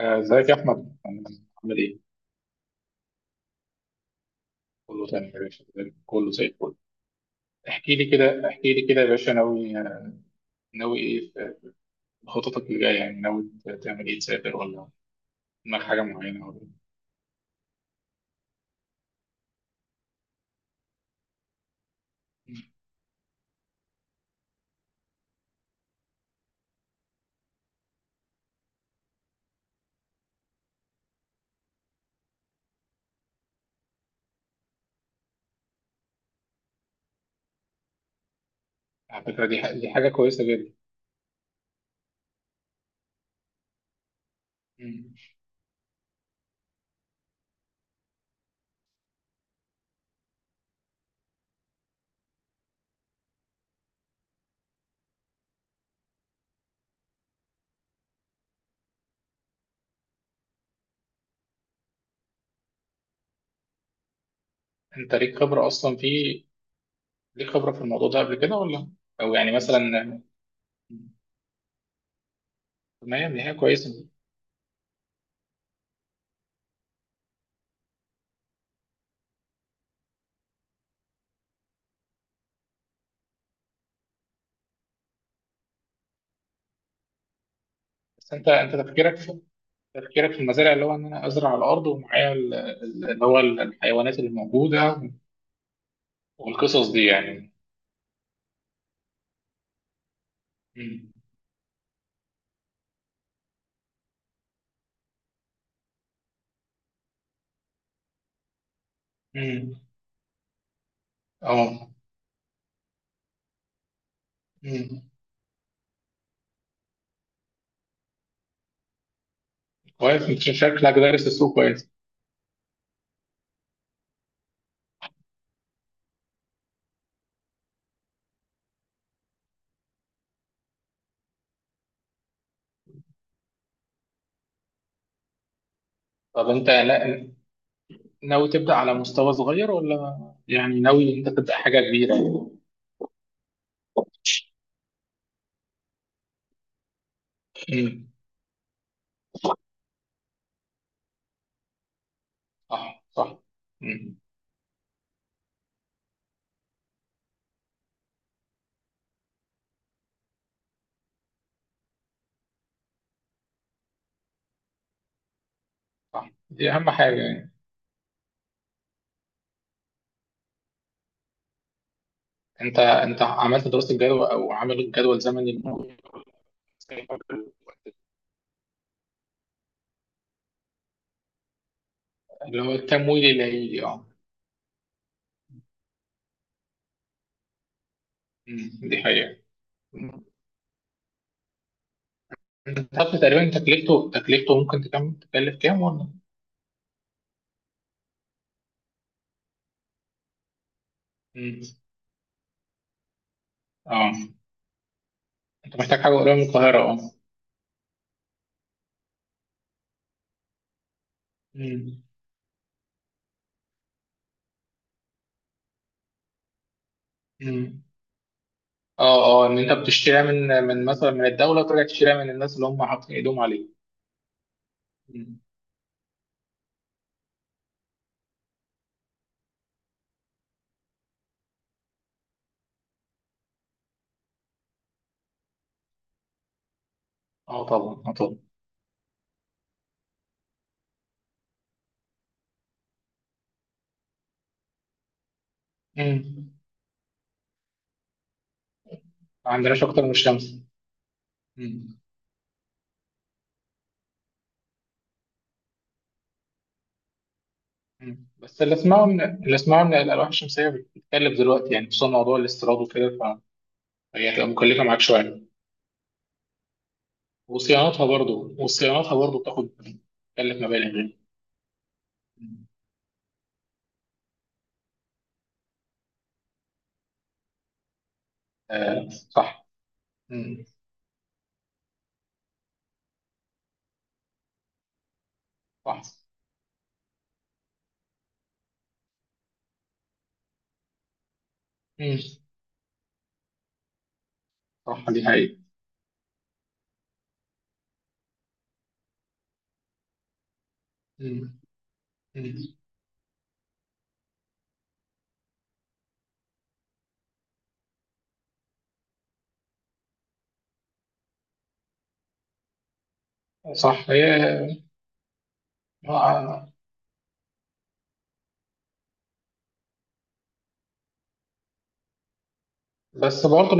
ازيك يا احمد؟ عامل ايه؟ كله تمام يا باشا، زي الفل، كله زي الفل. احكي لي كده، احكي لي كده يا باشا. ناوي ناوي ايه في خططك اللي جايه؟ يعني ناوي تعمل ايه؟ تسافر ولا دماغك حاجه معينه ولا؟ مم. على فكره دي حاجه كويسه جدا. مم. انت ليك خبره اصلا في، ليك خبره في الموضوع ده قبل كده ولا؟ او يعني مثلا. مم. تمام، دي حاجه كويسه. بس انت، تفكيرك في المزارع، اللي هو ان انا ازرع على الارض ومعايا اللي هو الحيوانات اللي موجوده والقصص دي يعني. مم. امم. اه، امم. كويس، انت شكلك دارس السوق كويس. طب انت لا- ناوي تبدا على مستوى صغير ولا يعني ناوي انت تبدا حاجه كبيره؟ امم. صح صح. امم. صح، دي اهم حاجه يعني. انت انت عملت دراسه جدوى او عامل جدول زمني؟ اللي هو التمويل اللي هيجي، اه. امم، دي حقيقه. مم. انت عارف تقريبا تكلفته، تكلفته ممكن تكمل تكلف كام ولا؟ امم. اه. انت محتاج حاجه قريبه من القاهره، اه. امم. اه اه، ان انت بتشتريها من مثلا من الدوله وترجع تشتريها من الناس اللي هم حاطين ايدهم عليه. مم. اه طبعا، اه طبعا. مم. ما عندناش اكتر من الشمس. مم. مم. بس اللي اسمعه ان، اللي اسمعه ان الالواح الشمسيه بتتكلف دلوقتي، يعني خصوصا موضوع الاستيراد وكده، فهي هتبقى مكلفه معاك شويه. وصيانتها برضه بتاخد، بتكلف مبالغ يعني. مم. آه صح. مم. صح. مم. صح، دي حقيقة. مم. مم. صح. هي آه، بس برضه،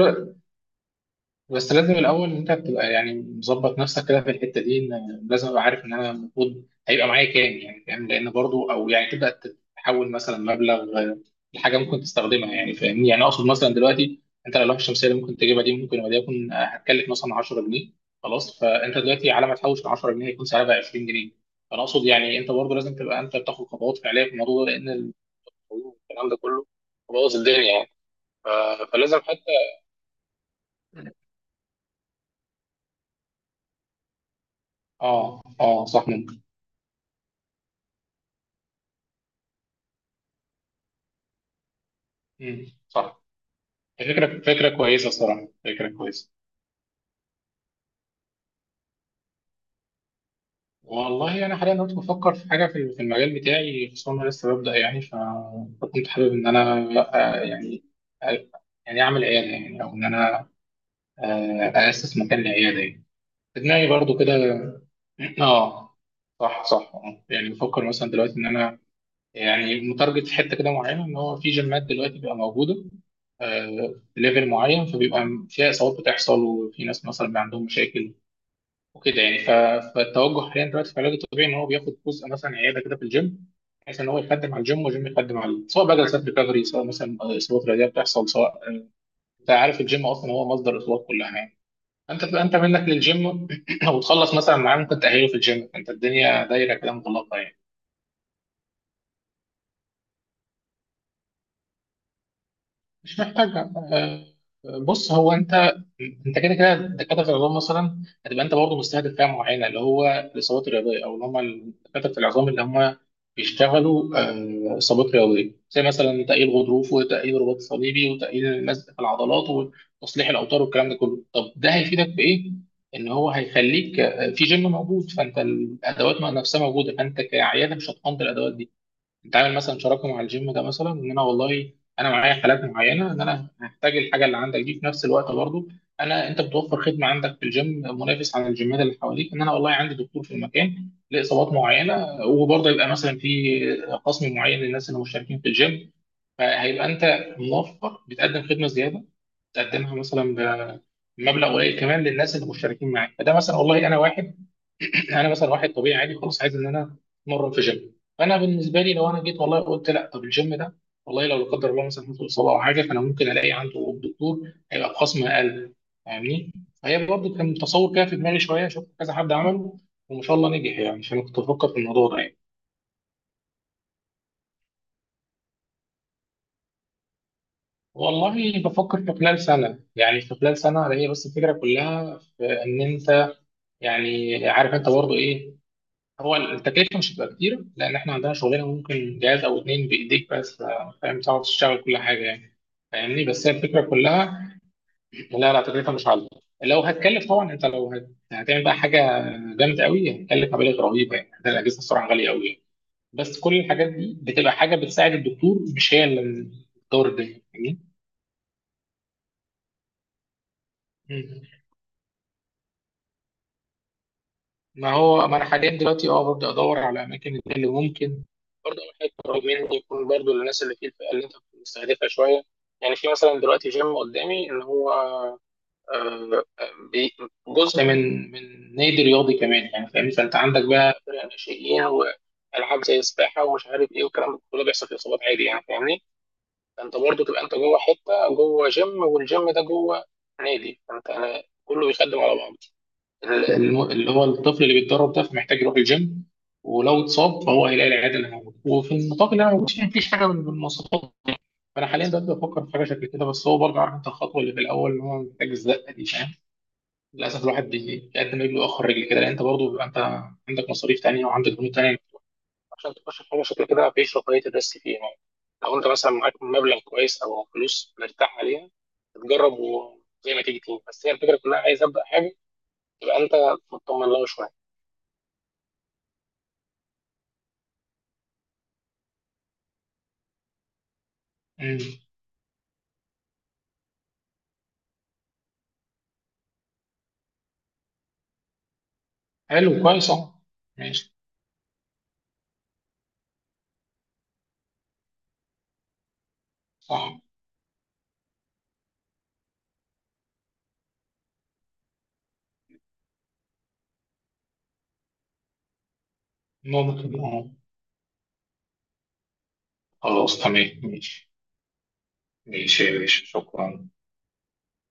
بس لازم الاول انت بتبقى يعني مظبط نفسك كده في الحته دي، ان لازم ابقى عارف ان انا المفروض هيبقى معايا كام، يعني فاهم، لان برضو، او يعني تبدا تحول مثلا مبلغ آه، لحاجه ممكن تستخدمها، يعني فاهمني، يعني اقصد مثلا دلوقتي انت اللوحه الشمسيه اللي ممكن تجيبها دي، ممكن وليكن هتكلف مثلا 10 جنيه. خلاص، فانت دلوقتي على ما تحوش ال 10 جنيه هيكون سعرها بقى 20 جنيه. فانا اقصد يعني انت برضو لازم تبقى انت بتاخد خطوات فعليه في الموضوع ده، لان الكلام ده كله بوظ الدنيا يعني. فلازم حتى. اه اه صح. مم. صح. فكرة، فكرة كويسة الصراحة، فكرة كويسة. والله أنا حاليا كنت بفكر في حاجة في، في المجال بتاعي، خصوصا أنا لسه ببدأ يعني. فكنت حابب إن أنا آه، يعني آه، يعني أعمل عيادة، يعني أو إن أنا أأسس مكان لعيادة يعني. في دماغي برضو كده. آه صح صح آه. يعني بفكر مثلا دلوقتي إن أنا، يعني متارجت في حتة كده معينة، إن هو في جيمات دلوقتي بقى موجودة ليفل معين، فبيبقى فيها إصابات بتحصل، وفي ناس مثلا بيبقى عندهم مشاكل وكده يعني. فالتوجه حاليا دلوقتي في العلاج الطبيعي ان هو بياخد جزء، مثلا عياده كده في الجيم، بحيث ان هو يخدم على الجيم والجيم يخدم عليه، سواء بقى جلسات ريكفري، سواء مثلا اصابات رياضيه بتحصل، سواء، انت عارف الجيم اصلا هو مصدر الاصابات كلها يعني. انت تبقى انت منك للجيم وتخلص مثلا معاه، ممكن تاهله في الجيم، انت الدنيا دايره كده مغلقه يعني. حاجه آه، بص هو انت، انت كده كده دكاتره في العظام مثلا، هتبقى انت برضه مستهدف فئه معينه، اللي هو الاصابات الرياضيه، او اللي هم دكاتره في العظام اللي هم بيشتغلوا اصابات رياضيه، زي مثلا تاهيل غضروف وتاهيل رباط صليبي وتاهيل لزق في العضلات وتصليح الاوتار والكلام ده كله. طب ده هيفيدك بايه؟ ان هو هيخليك في جيم موجود، فانت الادوات نفسها موجوده، فانت كعياده مش هتقنط الادوات دي. انت عامل مثلا شراكه مع الجيم ده مثلا، ان انا والله انا معايا حالات معينه، ان انا هحتاج الحاجه اللي عندك دي في نفس الوقت برضه، انا انت بتوفر خدمه عندك في الجيم، منافس عن الجيمات اللي حواليك، ان انا والله عندي دكتور في المكان لاصابات معينه، وبرضه يبقى مثلا في قسم معين للناس اللي مشتركين في الجيم. فهيبقى انت موفر، بتقدم خدمه زياده، تقدمها مثلا بمبلغ قليل كمان للناس اللي مشتركين معاك. فده مثلا والله انا واحد، انا مثلا واحد طبيعي عادي خلاص، عايز ان انا اتمرن في جيم، فانا بالنسبه لي لو انا جيت والله قلت لا، طب الجيم ده والله لو لا قدر الله مثلا حصل اصابه او حاجه، فانا ممكن الاقي عنده الدكتور هيبقى بخصم اقل، فاهمني. فهي برضه كان تصور كده في دماغي شويه، شفت كذا حد عمله وما شاء الله نجح يعني، فانا كنت بفكر في الموضوع ده يعني. والله بفكر في خلال سنه، يعني في خلال سنه. هي بس الفكره كلها في ان انت، يعني عارف انت برضه ايه، هو التكلفة مش هتبقى كتير، لأن إحنا عندنا شغلنا ممكن جهاز أو اتنين بإيديك بس فاهم، تعرف تشتغل كل حاجة يعني. فاهمني؟ بس هي الفكرة كلها، لا لا، تكلفة مش عالية. لو هتكلف طبعا أنت، لو هتعمل بقى حاجة جامدة قوي هتكلف مبالغ رهيبة يعني، ده الأجهزة الصراحة غالية قوي يعني. بس كل الحاجات دي بتبقى حاجة بتساعد الدكتور، مش هي اللي بتدور الدنيا. فاهمني؟ ما هو ما انا حاليا دلوقتي اه ببدا ادور على اماكن اللي ممكن، برضه اول حاجه قريب مني، يكون برضه للناس اللي في الفئه اللي انت بتستهدفها شويه. يعني في مثلا دلوقتي جيم قدامي، اللي هو آه، بي- جزء من نادي رياضي كمان يعني، فاهم، فانت عندك بقى فرق ناشئين والعاب زي السباحه ومش عارف ايه، والكلام ده كله بيحصل في اصابات عادي يعني، فاهمني. فانت برضه تبقى انت جوه حته، جوه جيم، والجيم ده جوه نادي، فانت كله بيخدم على بعضه. اللي هو الطفل اللي بيتدرب ده، فمحتاج يروح الجيم، ولو اتصاب فهو هيلاقي العياده اللي موجوده، وفي النطاق اللي انا موجود فيه مفيش حاجه من المواصفات. فانا حاليا ببدا افكر في حاجه شكل كده، بس هو برضه، عارف انت الخطوه اللي في الاول، اللي هو محتاج الزقه دي فاهم. للاسف الواحد بيقدم رجله واخر رجل كده، لان انت برضه بيبقى انت عندك مصاريف تانيه وعندك بنود تانيه، عشان تخش في حاجه شكل كده، مفيش رفاهيه الريسك فيها يعني. لو انت مثلا معاك مبلغ كويس او فلوس مرتاح عليها، تجرب وزي ما تيجي تيجي. بس هي الفكره كلها، عايز ابدا حاجه تبقى انت مطمن لها شويه. مم. حلو، كويس اهو. ماشي. صح. نقطة اهو. خلاص تمام، ماشي. ماشي يا باشا، شكرا.